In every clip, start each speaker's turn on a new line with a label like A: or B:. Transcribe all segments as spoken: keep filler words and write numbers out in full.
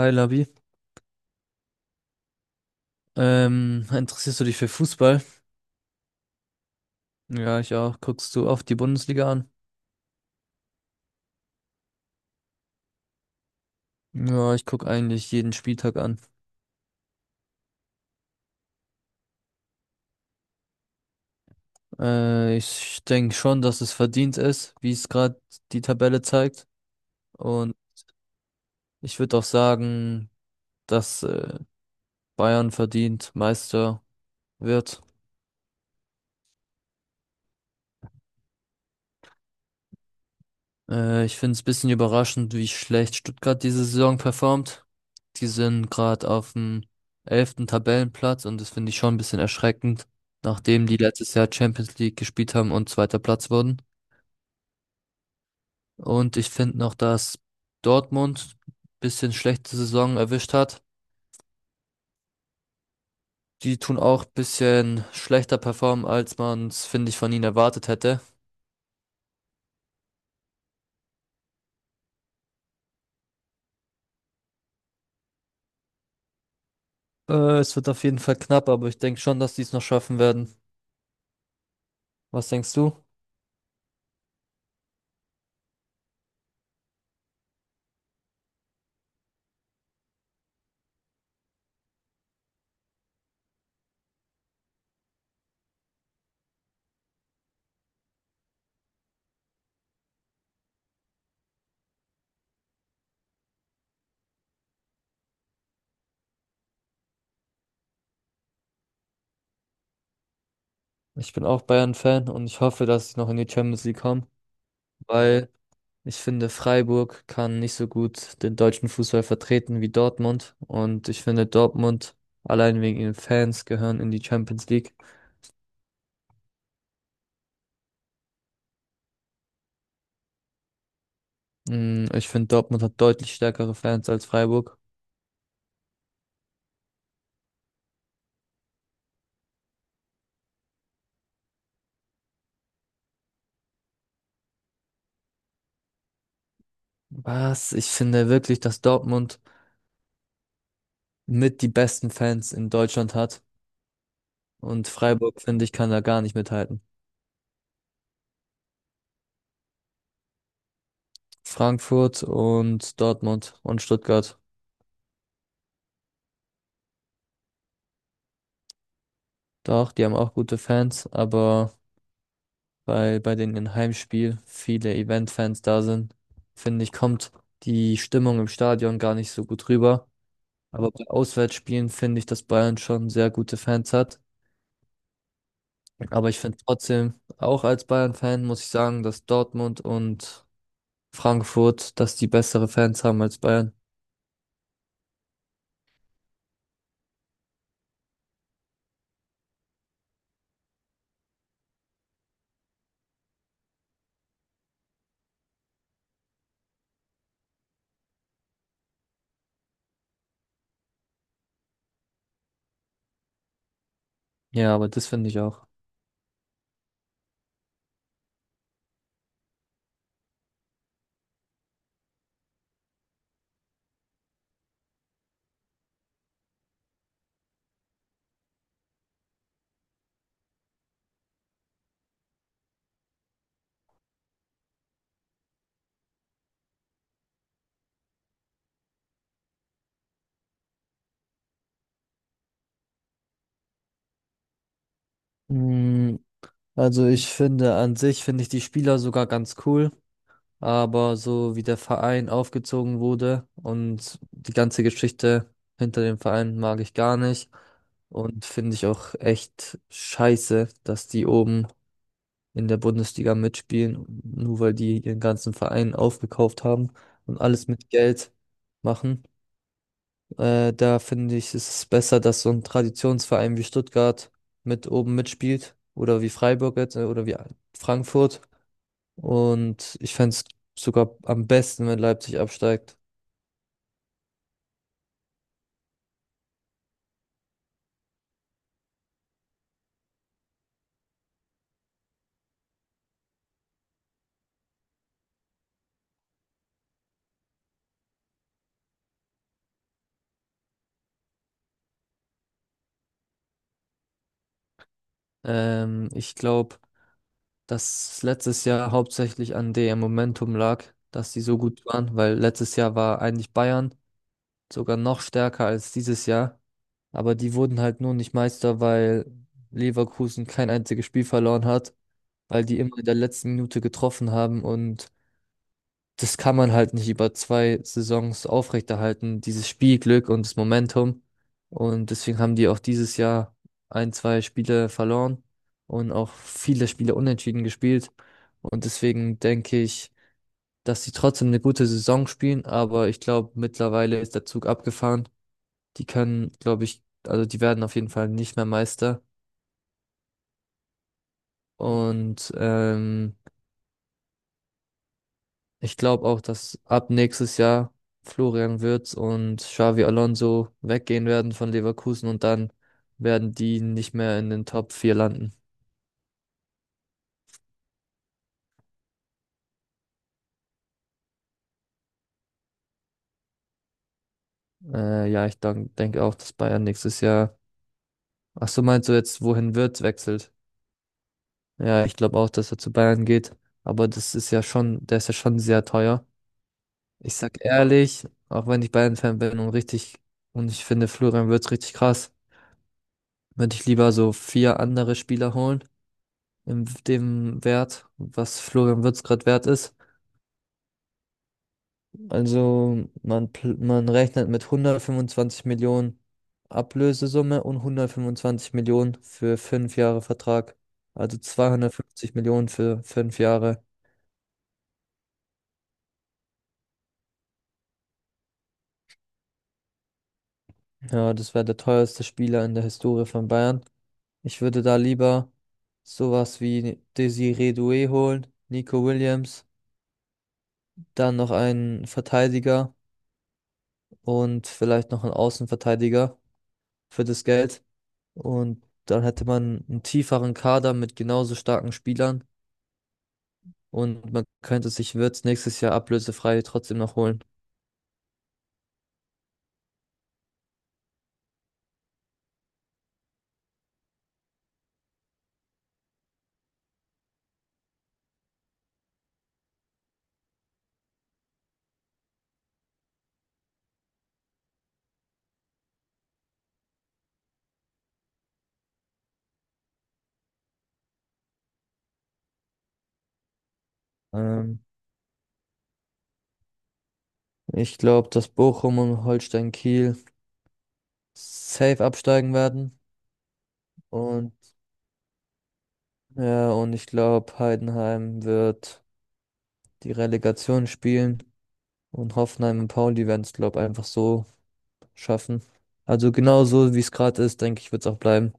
A: Hi Labi, ähm, interessierst du dich für Fußball? Ja, ich auch. Guckst du oft die Bundesliga an? Ja, ich guck eigentlich jeden Spieltag an. Äh, ich denke schon, dass es verdient ist, wie es gerade die Tabelle zeigt. Und ich würde auch sagen, dass äh, Bayern verdient Meister wird. Äh, ich finde es ein bisschen überraschend, wie schlecht Stuttgart diese Saison performt. Die sind gerade auf dem elften Tabellenplatz und das finde ich schon ein bisschen erschreckend, nachdem die letztes Jahr Champions League gespielt haben und zweiter Platz wurden. Und ich finde noch, dass Dortmund ein bisschen schlechte Saison erwischt hat. Die tun auch ein bisschen schlechter performen, als man es, finde ich, von ihnen erwartet hätte. Äh, es wird auf jeden Fall knapp, aber ich denke schon, dass die es noch schaffen werden. Was denkst du? Ich bin auch Bayern-Fan und ich hoffe, dass sie noch in die Champions League kommen, weil ich finde, Freiburg kann nicht so gut den deutschen Fußball vertreten wie Dortmund. Und ich finde, Dortmund allein wegen ihren Fans gehören in die Champions League. Mm, Ich finde, Dortmund hat deutlich stärkere Fans als Freiburg. Was? Ich finde wirklich, dass Dortmund mit die besten Fans in Deutschland hat. Und Freiburg, finde ich, kann da gar nicht mithalten. Frankfurt und Dortmund und Stuttgart. Doch, die haben auch gute Fans, aber weil bei den Heimspiel viele Event-Fans da sind, finde ich, kommt die Stimmung im Stadion gar nicht so gut rüber. Aber bei Auswärtsspielen finde ich, dass Bayern schon sehr gute Fans hat. Aber ich finde trotzdem, auch als Bayern-Fan muss ich sagen, dass Dortmund und Frankfurt, dass die bessere Fans haben als Bayern. Ja, aber das finde ich auch. Mm, Also ich finde an sich, finde ich die Spieler sogar ganz cool. Aber so wie der Verein aufgezogen wurde und die ganze Geschichte hinter dem Verein mag ich gar nicht. Und finde ich auch echt scheiße, dass die oben in der Bundesliga mitspielen, nur weil die ihren ganzen Verein aufgekauft haben und alles mit Geld machen. Äh, da finde ich, ist es besser, dass so ein Traditionsverein wie Stuttgart mit oben mitspielt oder wie Freiburg jetzt äh, oder wie Frankfurt. Und ich fände es sogar am besten, wenn Leipzig absteigt. Ähm, ich glaube, dass letztes Jahr hauptsächlich an dem Momentum lag, dass sie so gut waren, weil letztes Jahr war eigentlich Bayern sogar noch stärker als dieses Jahr. Aber die wurden halt nur nicht Meister, weil Leverkusen kein einziges Spiel verloren hat, weil die immer in der letzten Minute getroffen haben und das kann man halt nicht über zwei Saisons aufrechterhalten, dieses Spielglück und das Momentum. Und deswegen haben die auch dieses Jahr ein, zwei Spiele verloren und auch viele Spiele unentschieden gespielt. Und deswegen denke ich, dass sie trotzdem eine gute Saison spielen, aber ich glaube, mittlerweile ist der Zug abgefahren. Die können, glaube ich, also die werden auf jeden Fall nicht mehr Meister. Und ähm, ich glaube auch, dass ab nächstes Jahr Florian Wirtz und Xavi Alonso weggehen werden von Leverkusen und dann werden die nicht mehr in den Top vier landen. Äh, ja, ich denk, denke auch, dass Bayern nächstes Jahr. Ach so, meinst du jetzt, wohin Wirtz wechselt? Ja, ich glaube auch, dass er zu Bayern geht. Aber das ist ja schon, der ist ja schon sehr teuer. Ich sag ehrlich, auch wenn ich Bayern-Fan bin und richtig, und ich finde Florian Wirtz richtig krass, würde ich lieber so vier andere Spieler holen in dem Wert, was Florian Wirtz gerade wert ist. Also man, pl- man rechnet mit hundertfünfundzwanzig Millionen Ablösesumme und hundertfünfundzwanzig Millionen für fünf Jahre Vertrag. Also zweihundertfünfzig Millionen für fünf Jahre. Ja, das wäre der teuerste Spieler in der Historie von Bayern. Ich würde da lieber sowas wie Desiree Doué holen, Nico Williams, dann noch einen Verteidiger und vielleicht noch einen Außenverteidiger für das Geld. Und dann hätte man einen tieferen Kader mit genauso starken Spielern und man könnte sich Wirtz nächstes Jahr ablösefrei trotzdem noch holen. Ähm, Ich glaube, dass Bochum und Holstein Kiel safe absteigen werden. Und ja, und ich glaube, Heidenheim wird die Relegation spielen und Hoffenheim und Pauli werden es, glaube ich, einfach so schaffen. Also genau so, wie es gerade ist, denke ich, wird es auch bleiben.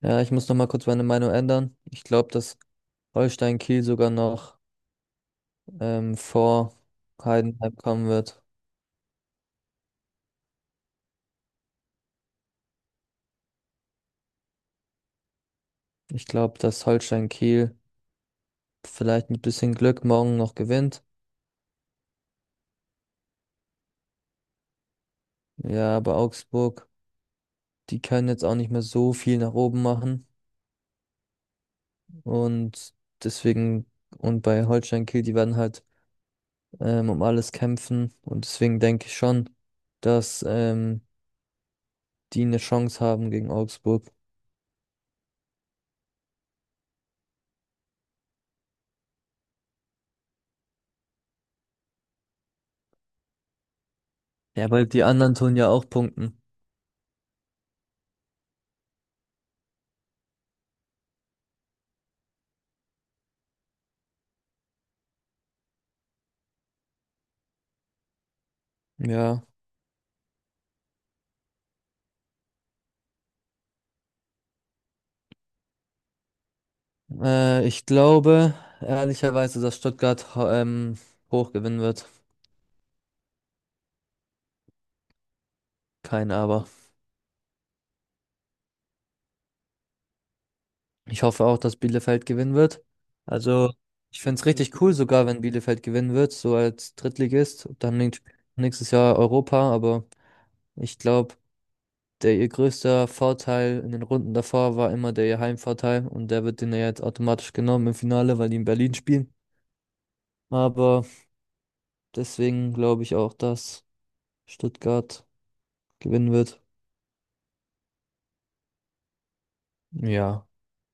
A: Ja, ich muss noch mal kurz meine Meinung ändern. Ich glaube, dass Holstein Kiel sogar noch ähm, vor Heidenheim kommen wird. Ich glaube, dass Holstein Kiel vielleicht mit bisschen Glück morgen noch gewinnt. Ja, aber Augsburg, die können jetzt auch nicht mehr so viel nach oben machen. Und deswegen, und bei Holstein Kiel, die werden halt ähm, um alles kämpfen. Und deswegen denke ich schon, dass ähm, die eine Chance haben gegen Augsburg. Ja, weil die anderen tun ja auch punkten. Ja, äh, ich glaube ehrlicherweise, dass Stuttgart ho- ähm, hoch gewinnen wird. Kein Aber. Ich hoffe auch, dass Bielefeld gewinnen wird. Also, ich finde es richtig cool, sogar wenn Bielefeld gewinnen wird, so als Drittligist. Dann nächst- nächstes Jahr Europa, aber ich glaube, der ihr größter Vorteil in den Runden davor war immer der ihr Heimvorteil und der wird denen ja jetzt automatisch genommen im Finale, weil die in Berlin spielen. Aber deswegen glaube ich auch, dass Stuttgart gewinnen wird. Ja.